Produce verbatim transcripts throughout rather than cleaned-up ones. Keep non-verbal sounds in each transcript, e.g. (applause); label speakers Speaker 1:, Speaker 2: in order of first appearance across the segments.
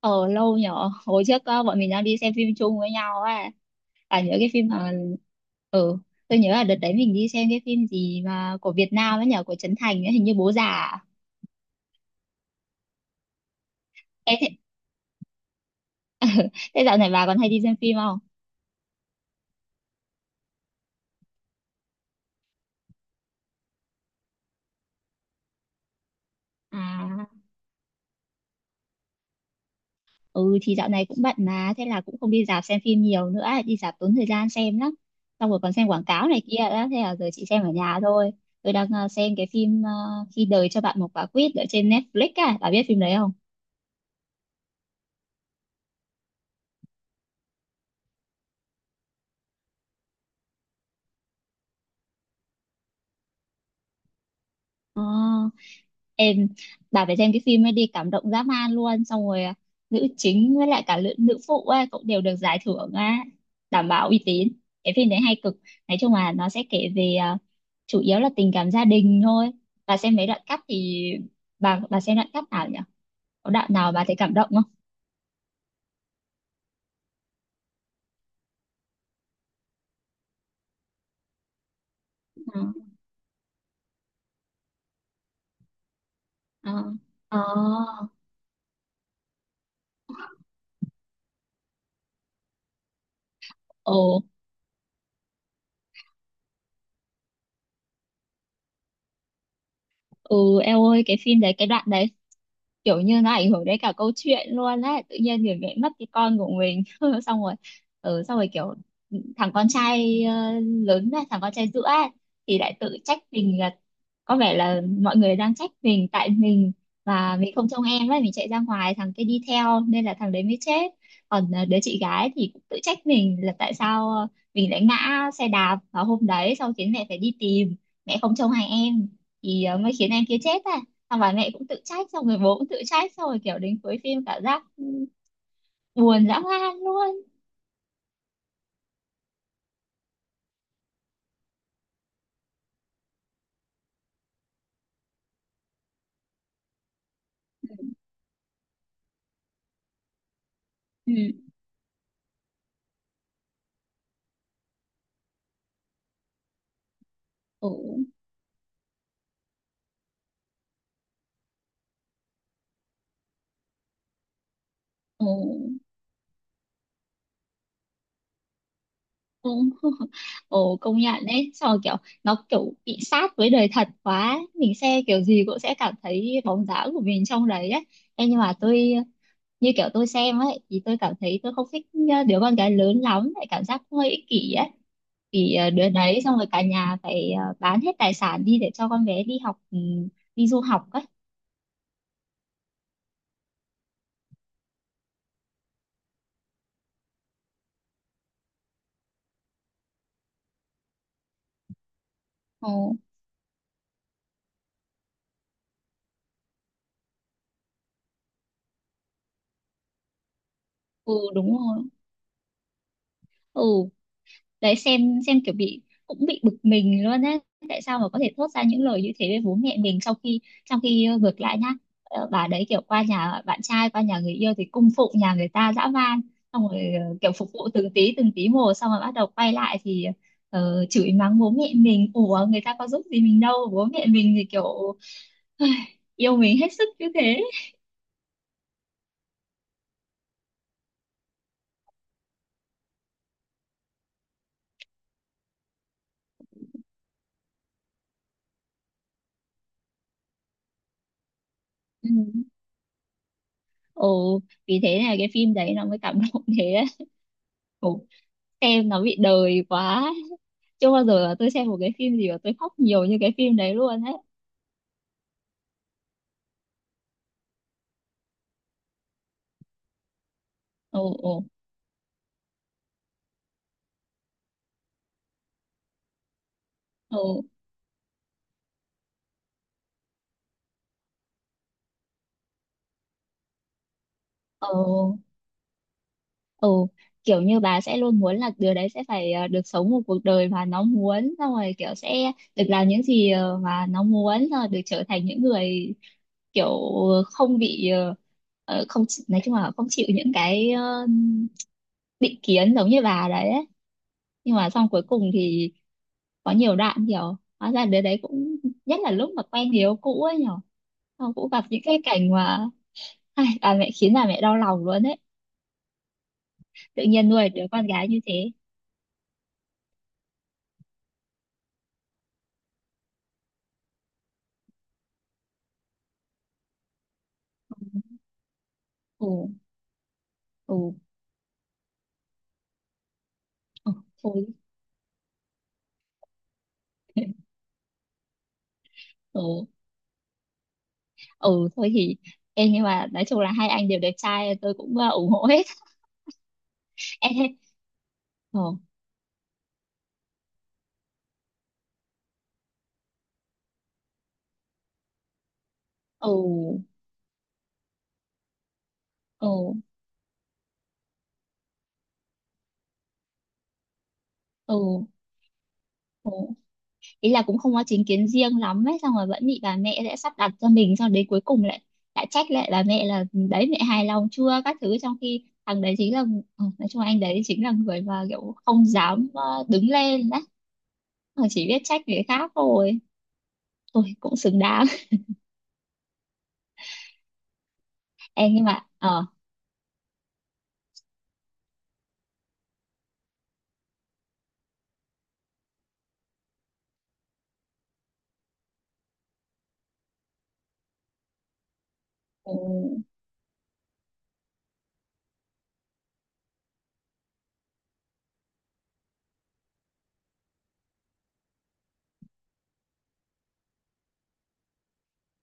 Speaker 1: Ờ, lâu nhở. Hồi trước, ờ, bọn mình đang đi xem phim chung với nhau á. À, nhớ cái phim mà. Ừ, tôi nhớ là đợt đấy mình đi xem cái phim gì mà, của Việt Nam ấy nhở, của Trấn Thành ấy, hình như Bố Già à? Ê, thế, thế dạo này bà còn hay đi xem phim không? À, ừ thì dạo này cũng bận mà. Thế là cũng không đi rạp xem phim nhiều nữa. Đi rạp tốn thời gian xem lắm. Xong rồi còn xem quảng cáo này kia đó. Thế là giờ chị xem ở nhà thôi. Tôi đang ờ, xem cái phim, ờ, Khi đời cho bạn một quả quýt, ở trên Netflix à? Bà biết phim đấy không? Ờ, em, bà phải xem cái phim ấy đi, cảm động dã man luôn. Xong rồi à, nữ chính với lại cả nữ, nữ phụ ấy cũng đều được giải thưởng á, đảm bảo uy tín. Cái phim đấy hay cực, nói chung là nó sẽ kể về, à, chủ yếu là tình cảm gia đình thôi. Bà xem mấy đoạn cắt thì, bà bà xem đoạn cắt nào nhỉ? Có đoạn nào bà thấy cảm động không? Ờ, ờ, ờ. Ồ. Ừ, em ơi, cái phim đấy cái đoạn đấy kiểu như nó ảnh hưởng đến cả câu chuyện luôn đấy. Tự nhiên người mẹ mất cái con của mình (laughs) xong rồi, ừ, xong rồi kiểu thằng con trai ờ, lớn này, thằng con trai giữa ấy, thì lại tự trách mình là có vẻ là mọi người đang trách mình tại mình và mình không trông em ấy, mình chạy ra ngoài thằng kia đi theo nên là thằng đấy mới chết. Còn ờ, đứa chị gái thì cũng tự trách mình là tại sao ờ, mình lại ngã xe đạp vào hôm đấy xong khiến mẹ phải đi tìm, mẹ không trông hàng em thì ờ, mới khiến em kia chết à. Xong bà mẹ cũng tự trách, xong rồi bố cũng tự trách, xong rồi kiểu đến cuối phim cảm giác, ừ, buồn dã man luôn. Ừ. Ồ, ồ, ồ. (laughs) Ồ, công nhận đấy, xong rồi kiểu nó kiểu bị sát với đời thật quá, mình xem kiểu gì cũng sẽ cảm thấy bóng dáng của mình trong đấy ấy. Ê, nhưng mà tôi, như kiểu tôi xem ấy thì tôi cảm thấy tôi không thích đứa con gái lớn lắm, lại cảm giác hơi ích kỷ ấy. Thì ờ, đứa đấy xong rồi cả nhà phải ờ, bán hết tài sản đi để cho con bé đi học, ừ, đi du học ấy. Ồ. Ừ, đúng rồi. Ừ, đấy, xem xem kiểu bị, cũng bị bực mình luôn á, tại sao mà có thể thốt ra những lời như thế với bố mẹ mình sau khi, trong khi ờ, ngược lại nhá, ờ, bà đấy kiểu qua nhà bạn trai, qua nhà người yêu thì cung phụng nhà người ta dã man, xong rồi ờ, kiểu phục vụ từng tí từng tí một, xong rồi bắt đầu quay lại thì ờ, chửi mắng bố mẹ mình. Ủa, người ta có giúp gì mình đâu, bố mẹ mình thì kiểu (sighs) yêu mình hết sức như thế. Ừ. Ồ, vì thế là cái phim đấy nó mới cảm động (laughs) thế đấy. Xem nó bị đời quá, chưa bao giờ là tôi xem một cái phim gì mà tôi khóc nhiều như cái phim đấy luôn ấy. Ồ, ồ, ồ, ồ. Ừ, kiểu như bà sẽ luôn muốn là đứa đấy sẽ phải ờ, được sống một cuộc đời mà nó muốn, xong rồi kiểu sẽ được làm những gì ờ, mà nó muốn, xong rồi được trở thành những người kiểu không bị, ờ, ờ, không chỉ- nói chung là không chịu những cái ờ, định kiến giống như bà đấy ấy. Nhưng mà xong cuối cùng thì có nhiều đoạn kiểu hóa ra đứa đấy cũng, nhất là lúc mà quen người yêu cũ ấy nhở, xong cũng gặp những cái cảnh mà ai, bà mẹ khiến bà mẹ đau lòng luôn ấy. Tự nhiên nuôi đứa con gái như thế. Ừ, ừ, ừ, thôi. (laughs) Ừ, ừ, thôi thì em, nhưng mà nói chung là hai anh đều đẹp trai, tôi cũng ờ, ủng hộ hết. (laughs) Em. Ừ, ừ, ừ, ừ, ừ. Ý là cũng không có chính kiến riêng lắm ấy, xong rồi vẫn bị bà mẹ sẽ sắp đặt cho mình, xong đến cuối cùng lại lại trách lại bà mẹ là, ừ, đấy, mẹ hài lòng chưa, các thứ, trong khi thằng đấy chính là, ừ, nói chung anh đấy chính là người mà kiểu không dám ờ, đứng lên đấy, mà chỉ biết trách người khác thôi. Tôi cũng xứng đáng. Em, nhưng mà ờ ừ,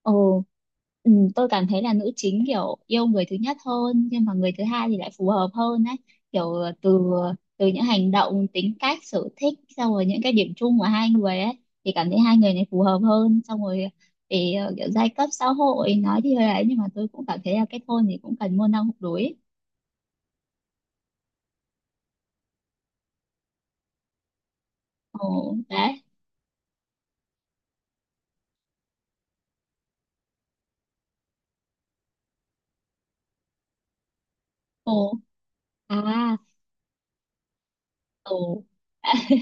Speaker 1: ừ, ừ, tôi cảm thấy là nữ chính kiểu yêu người thứ nhất hơn, nhưng mà người thứ hai thì lại phù hợp hơn đấy. Kiểu ờ, từ từ những hành động, tính cách, sở thích, xong rồi những cái điểm chung của hai người ấy thì cảm thấy hai người này phù hợp hơn. Xong rồi thì ờ, kiểu giai cấp xã hội nói thì hơi ấy, nhưng mà tôi cũng cảm thấy là kết hôn thì cũng cần môn đăng hộ đối ấy. Ồ đấy. Ồ. À. Ồ. (laughs)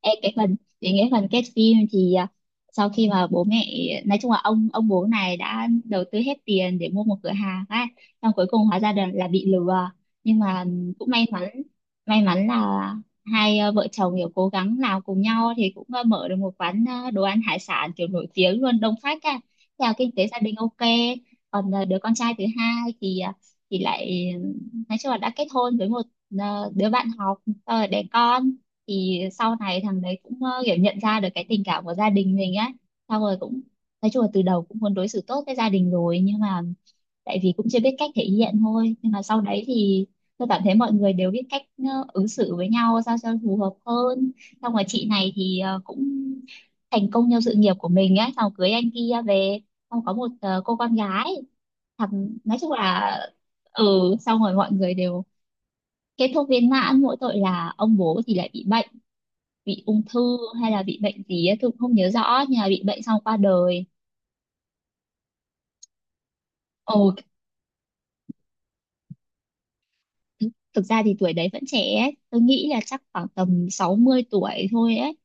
Speaker 1: Ê, cái phần đến cái phần kết phim thì, à, sau khi mà bố mẹ, nói chung là ông ông bố này đã đầu tư hết tiền để mua một cửa hàng á, xong cuối cùng hóa ra là, là bị lừa. Nhưng mà cũng may mắn, may mắn là hai à, vợ chồng kiểu cố gắng làm cùng nhau thì cũng à, mở được một quán, à, đồ ăn hải sản kiểu nổi tiếng luôn, đông khách á, theo kinh tế gia đình ok. Còn à, đứa con trai thứ hai thì à, thì lại, nói chung là đã kết hôn với một, à, đứa bạn học, xong rồi đẻ con. Thì sau này thằng đấy cũng ờ, kiểu nhận ra được cái tình cảm của gia đình mình á. Xong rồi cũng, nói chung là từ đầu cũng muốn đối xử tốt với gia đình rồi, nhưng mà tại vì cũng chưa biết cách thể hiện thôi, nhưng mà sau đấy thì tôi cảm thấy mọi người đều biết cách ờ, ứng xử với nhau sao cho phù hợp hơn. Xong rồi chị này thì ờ, cũng thành công trong sự nghiệp của mình á, xong cưới anh kia về, xong có một ờ, cô con gái. Thằng nói chung là, ừ xong rồi mọi người đều kết thúc viên mãn, mỗi tội là ông bố thì lại bị bệnh, bị ung thư hay là bị bệnh gì ấy, tôi cũng không nhớ rõ, nhưng mà bị bệnh xong qua đời. Ồ, thực, thực ra thì tuổi đấy vẫn trẻ ấy. Tôi nghĩ là chắc khoảng tầm sáu mươi tuổi thôi ấy.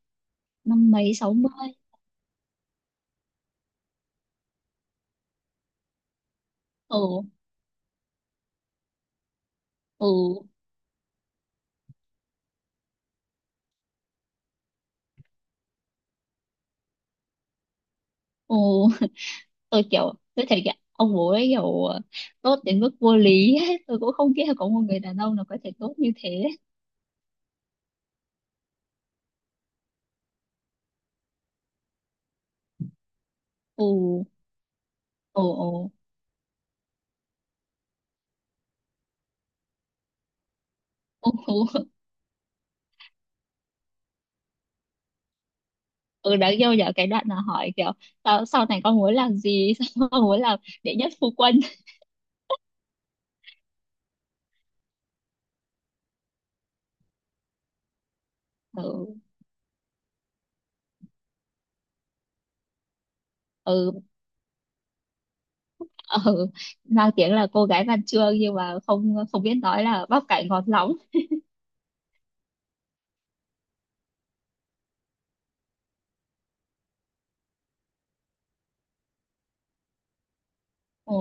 Speaker 1: Năm mấy sáu mươi. Ừ, ừ, ừ, tôi kiểu tôi thấy kiểu ông bố ấy kiểu tốt đến mức vô lý ấy. Tôi cũng không nghĩ là có một người đàn ông nào có thể tốt như thế. Ừ, ừ, ừ, ừ, ừ, đáng yêu nhở, cái đoạn là hỏi kiểu, sau, sau này con muốn làm gì (laughs) sao con muốn làm đệ nhất phu quân. Ừ, ừ, ừ, mang tiếng là cô gái văn chương, nhưng mà không không biết nói là bắp cải ngọt lóng. Ồ,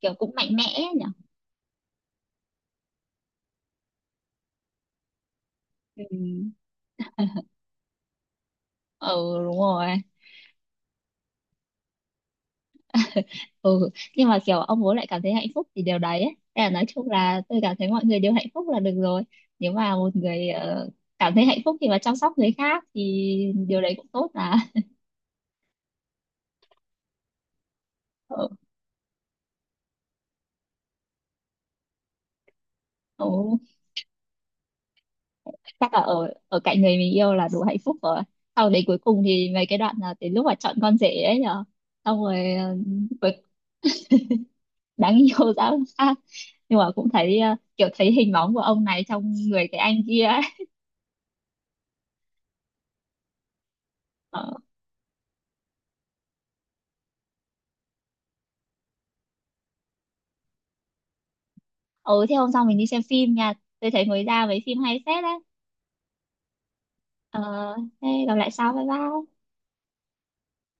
Speaker 1: kiểu cũng mạnh mẽ nhỉ. Ừ, ừ đúng rồi, ừ, nhưng mà kiểu ông bố lại cảm thấy hạnh phúc thì điều đấy ấy. Thế là nói chung là tôi cảm thấy mọi người đều hạnh phúc là được rồi. Nếu mà một người ờ, cảm thấy hạnh phúc khi mà chăm sóc người khác thì điều đấy cũng tốt mà. Ừ, ừ. Chắc là ở ở cạnh người mình yêu là đủ hạnh phúc rồi. Sau đấy cuối cùng thì mấy cái đoạn là đến lúc mà chọn con rể ấy nhở, xong rồi ờ, cuối đáng yêu (laughs) ra làm sao, nhưng mà cũng thấy ờ, kiểu thấy hình bóng của ông này trong người cái anh kia ấy. Ờ. Ừ, thế hôm sau mình đi xem phim nha, tôi thấy mới ra mấy phim hay phết đấy. Ờ, thế gặp lại sau, bye bye.